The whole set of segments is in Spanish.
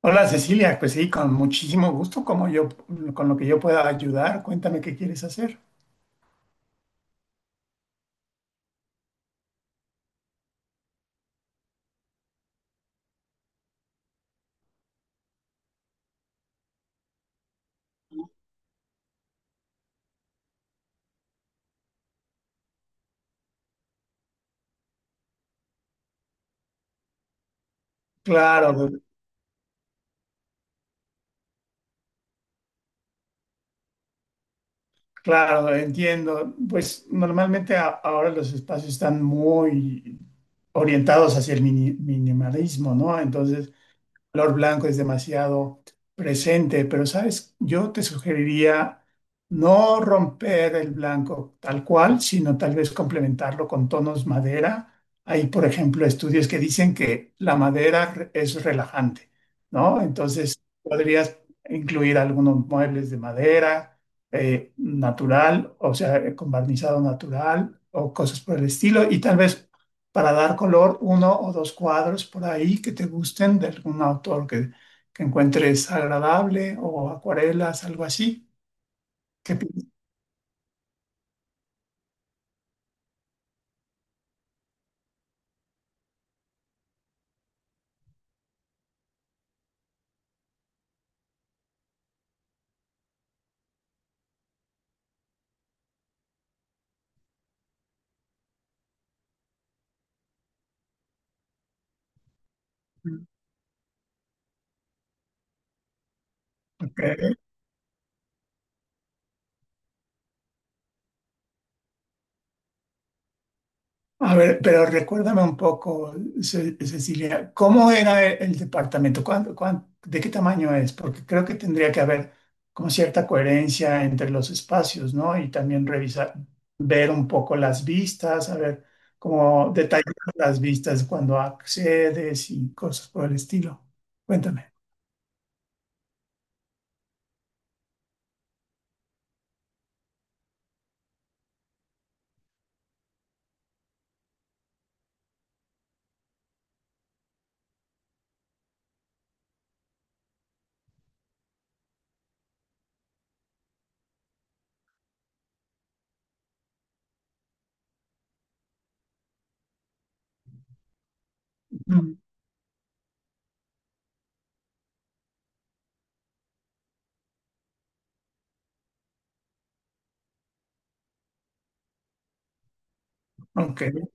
Hola Cecilia, pues sí, con muchísimo gusto, como yo, con lo que yo pueda ayudar, cuéntame qué quieres hacer. Claro, de- claro, entiendo. Pues normalmente ahora los espacios están muy orientados hacia el minimalismo, ¿no? Entonces, color blanco es demasiado presente, pero sabes, yo te sugeriría no romper el blanco tal cual, sino tal vez complementarlo con tonos madera. Hay, por ejemplo, estudios que dicen que la madera es relajante, ¿no? Entonces, podrías incluir algunos muebles de madera natural, o sea, con barnizado natural o cosas por el estilo, y tal vez para dar color uno o dos cuadros por ahí que te gusten de algún autor que encuentres agradable o acuarelas, algo así. ¿Qué piensas? Ok. A ver, pero recuérdame un poco, Cecilia, ¿cómo era el departamento? De qué tamaño es? Porque creo que tendría que haber como cierta coherencia entre los espacios, ¿no? Y también revisar, ver un poco las vistas, a ver cómo detallar las vistas cuando accedes y cosas por el estilo. Cuéntame. Mm, ok,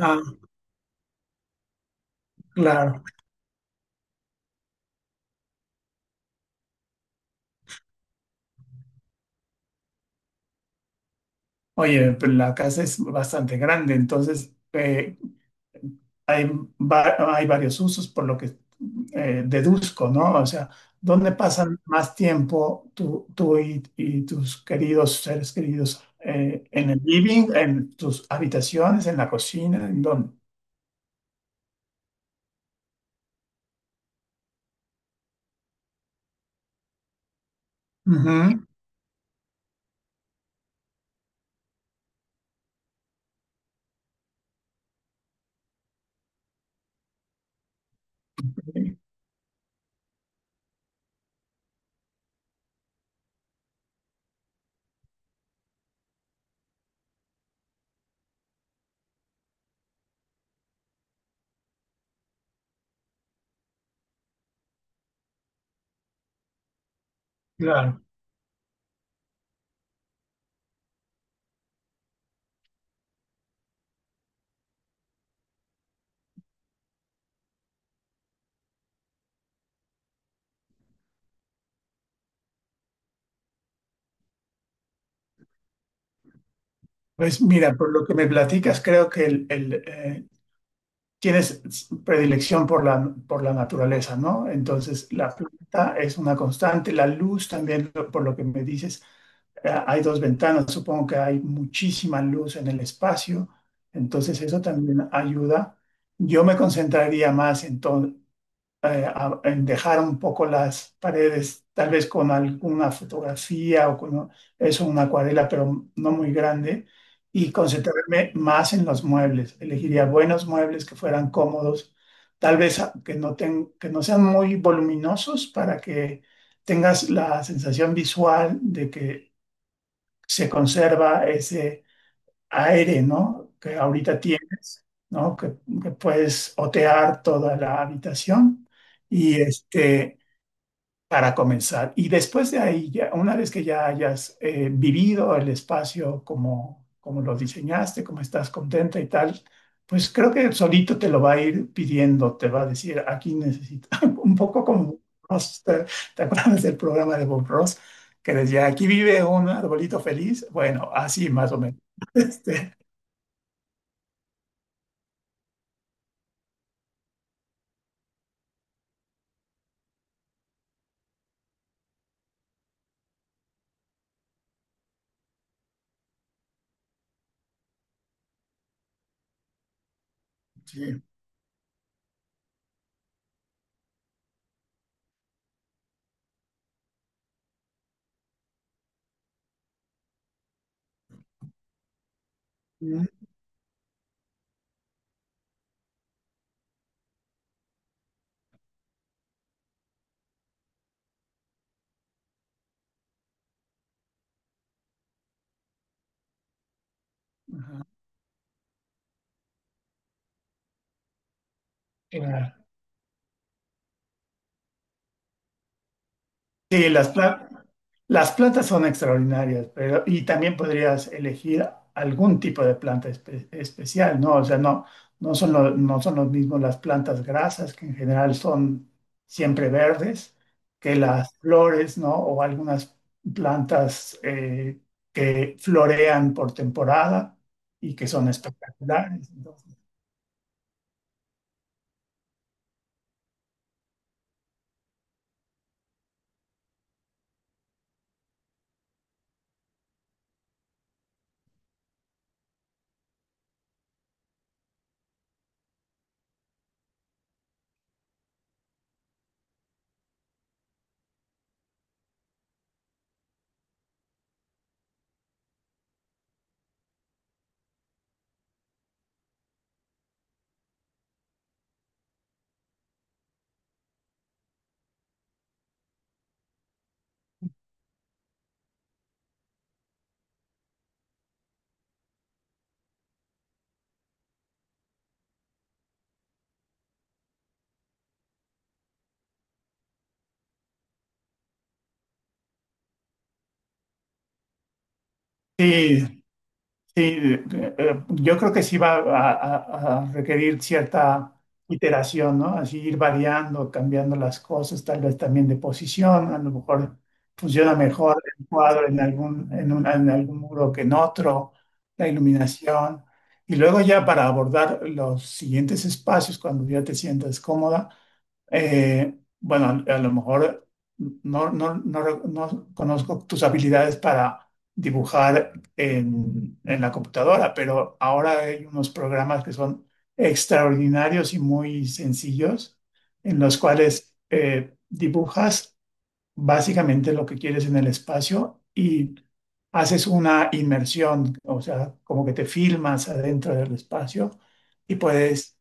ah, claro. Oye, pero la casa es bastante grande, entonces, hay, hay varios usos, por lo que deduzco, ¿no? O sea, ¿dónde pasan más tiempo tú y tus queridos seres queridos? ¿En el living, en tus habitaciones, en la cocina, en dónde? Ujú. Claro. Pues mira, por lo que me platicas, creo que tienes predilección por por la naturaleza, ¿no? Entonces, la planta es una constante, la luz también, por lo que me dices. Hay dos ventanas, supongo que hay muchísima luz en el espacio, entonces eso también ayuda. Yo me concentraría más en dejar un poco las paredes, tal vez con alguna fotografía o con eso, una acuarela, pero no muy grande, y concentrarme más en los muebles. Elegiría buenos muebles que fueran cómodos, tal vez que no sean muy voluminosos para que tengas la sensación visual de que se conserva ese aire, ¿no? Que ahorita tienes, ¿no? Que puedes otear toda la habitación y para comenzar. Y después de ahí, ya, una vez que ya hayas vivido el espacio como, como lo diseñaste, como estás contenta y tal, pues creo que solito te lo va a ir pidiendo, te va a decir, aquí necesito, un poco como Bob Ross, ¿te, te acuerdas del programa de Bob Ross? Que decía, aquí vive un arbolito feliz. Bueno, así más o menos. Este, sí. Ujú, ajá, claro. Sí, las plantas. Las plantas son extraordinarias, pero y también podrías elegir algún tipo de planta especial, ¿no? O sea, no son no son los mismos las plantas grasas, que en general son siempre verdes, que las flores, ¿no? O algunas plantas que florean por temporada y que son espectaculares. Entonces, sí. Sí, yo creo que sí va a, a requerir cierta iteración, ¿no? Así ir variando, cambiando las cosas, tal vez también de posición, a lo mejor funciona mejor el cuadro en algún, en algún muro que en otro, la iluminación. Y luego ya para abordar los siguientes espacios, cuando ya te sientas cómoda, eh, bueno, a lo mejor no conozco tus habilidades para dibujar en la computadora, pero ahora hay unos programas que son extraordinarios y muy sencillos, en los cuales dibujas básicamente lo que quieres en el espacio y haces una inmersión, o sea, como que te filmas adentro del espacio y puedes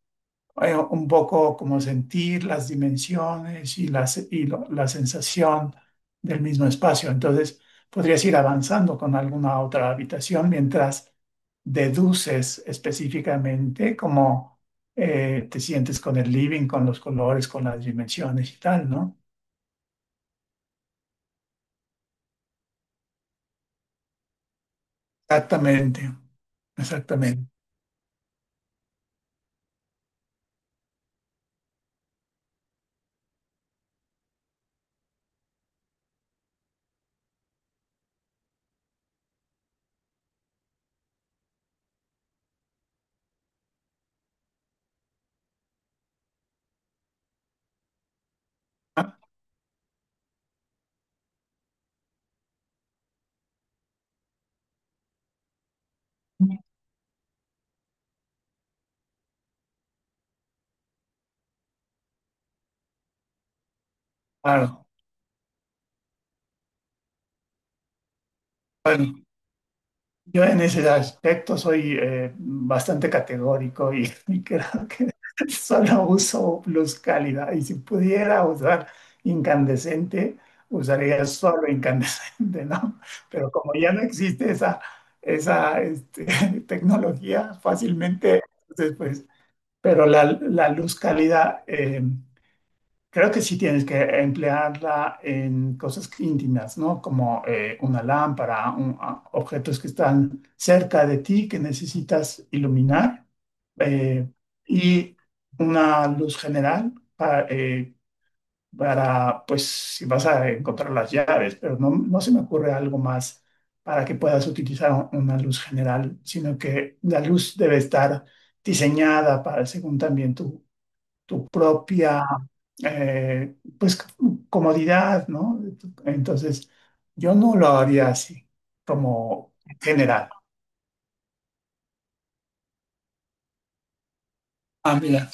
un poco como sentir las dimensiones la sensación del mismo espacio. Entonces, podrías ir avanzando con alguna otra habitación mientras deduces específicamente cómo te sientes con el living, con los colores, con las dimensiones y tal, ¿no? Exactamente, exactamente. Claro. Bueno, yo en ese aspecto soy bastante categórico y, y creo que solo uso pluscálida. Y si pudiera usar incandescente, usaría solo incandescente, ¿no? Pero como ya no existe esa tecnología fácilmente, entonces, pues, pero la luz cálida creo que sí tienes que emplearla en cosas íntimas, ¿no? Como una lámpara, objetos que están cerca de ti que necesitas iluminar eh, y una luz general para, pues, si vas a encontrar las llaves, pero no se me ocurre algo más para que puedas utilizar una luz general, sino que la luz debe estar diseñada para, según también tu propia, eh, pues, comodidad, ¿no? Entonces, yo no lo haría así, como en general. Ah, mira,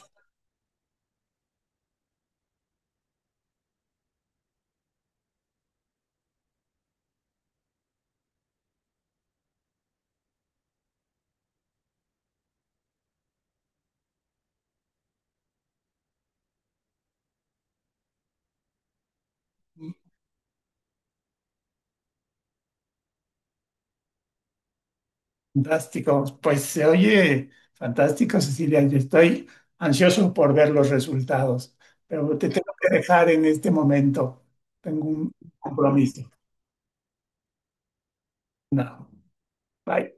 fantástico. Pues se oye fantástico, Cecilia. Yo estoy ansioso por ver los resultados, pero te tengo que dejar en este momento. Tengo un compromiso. No, bye.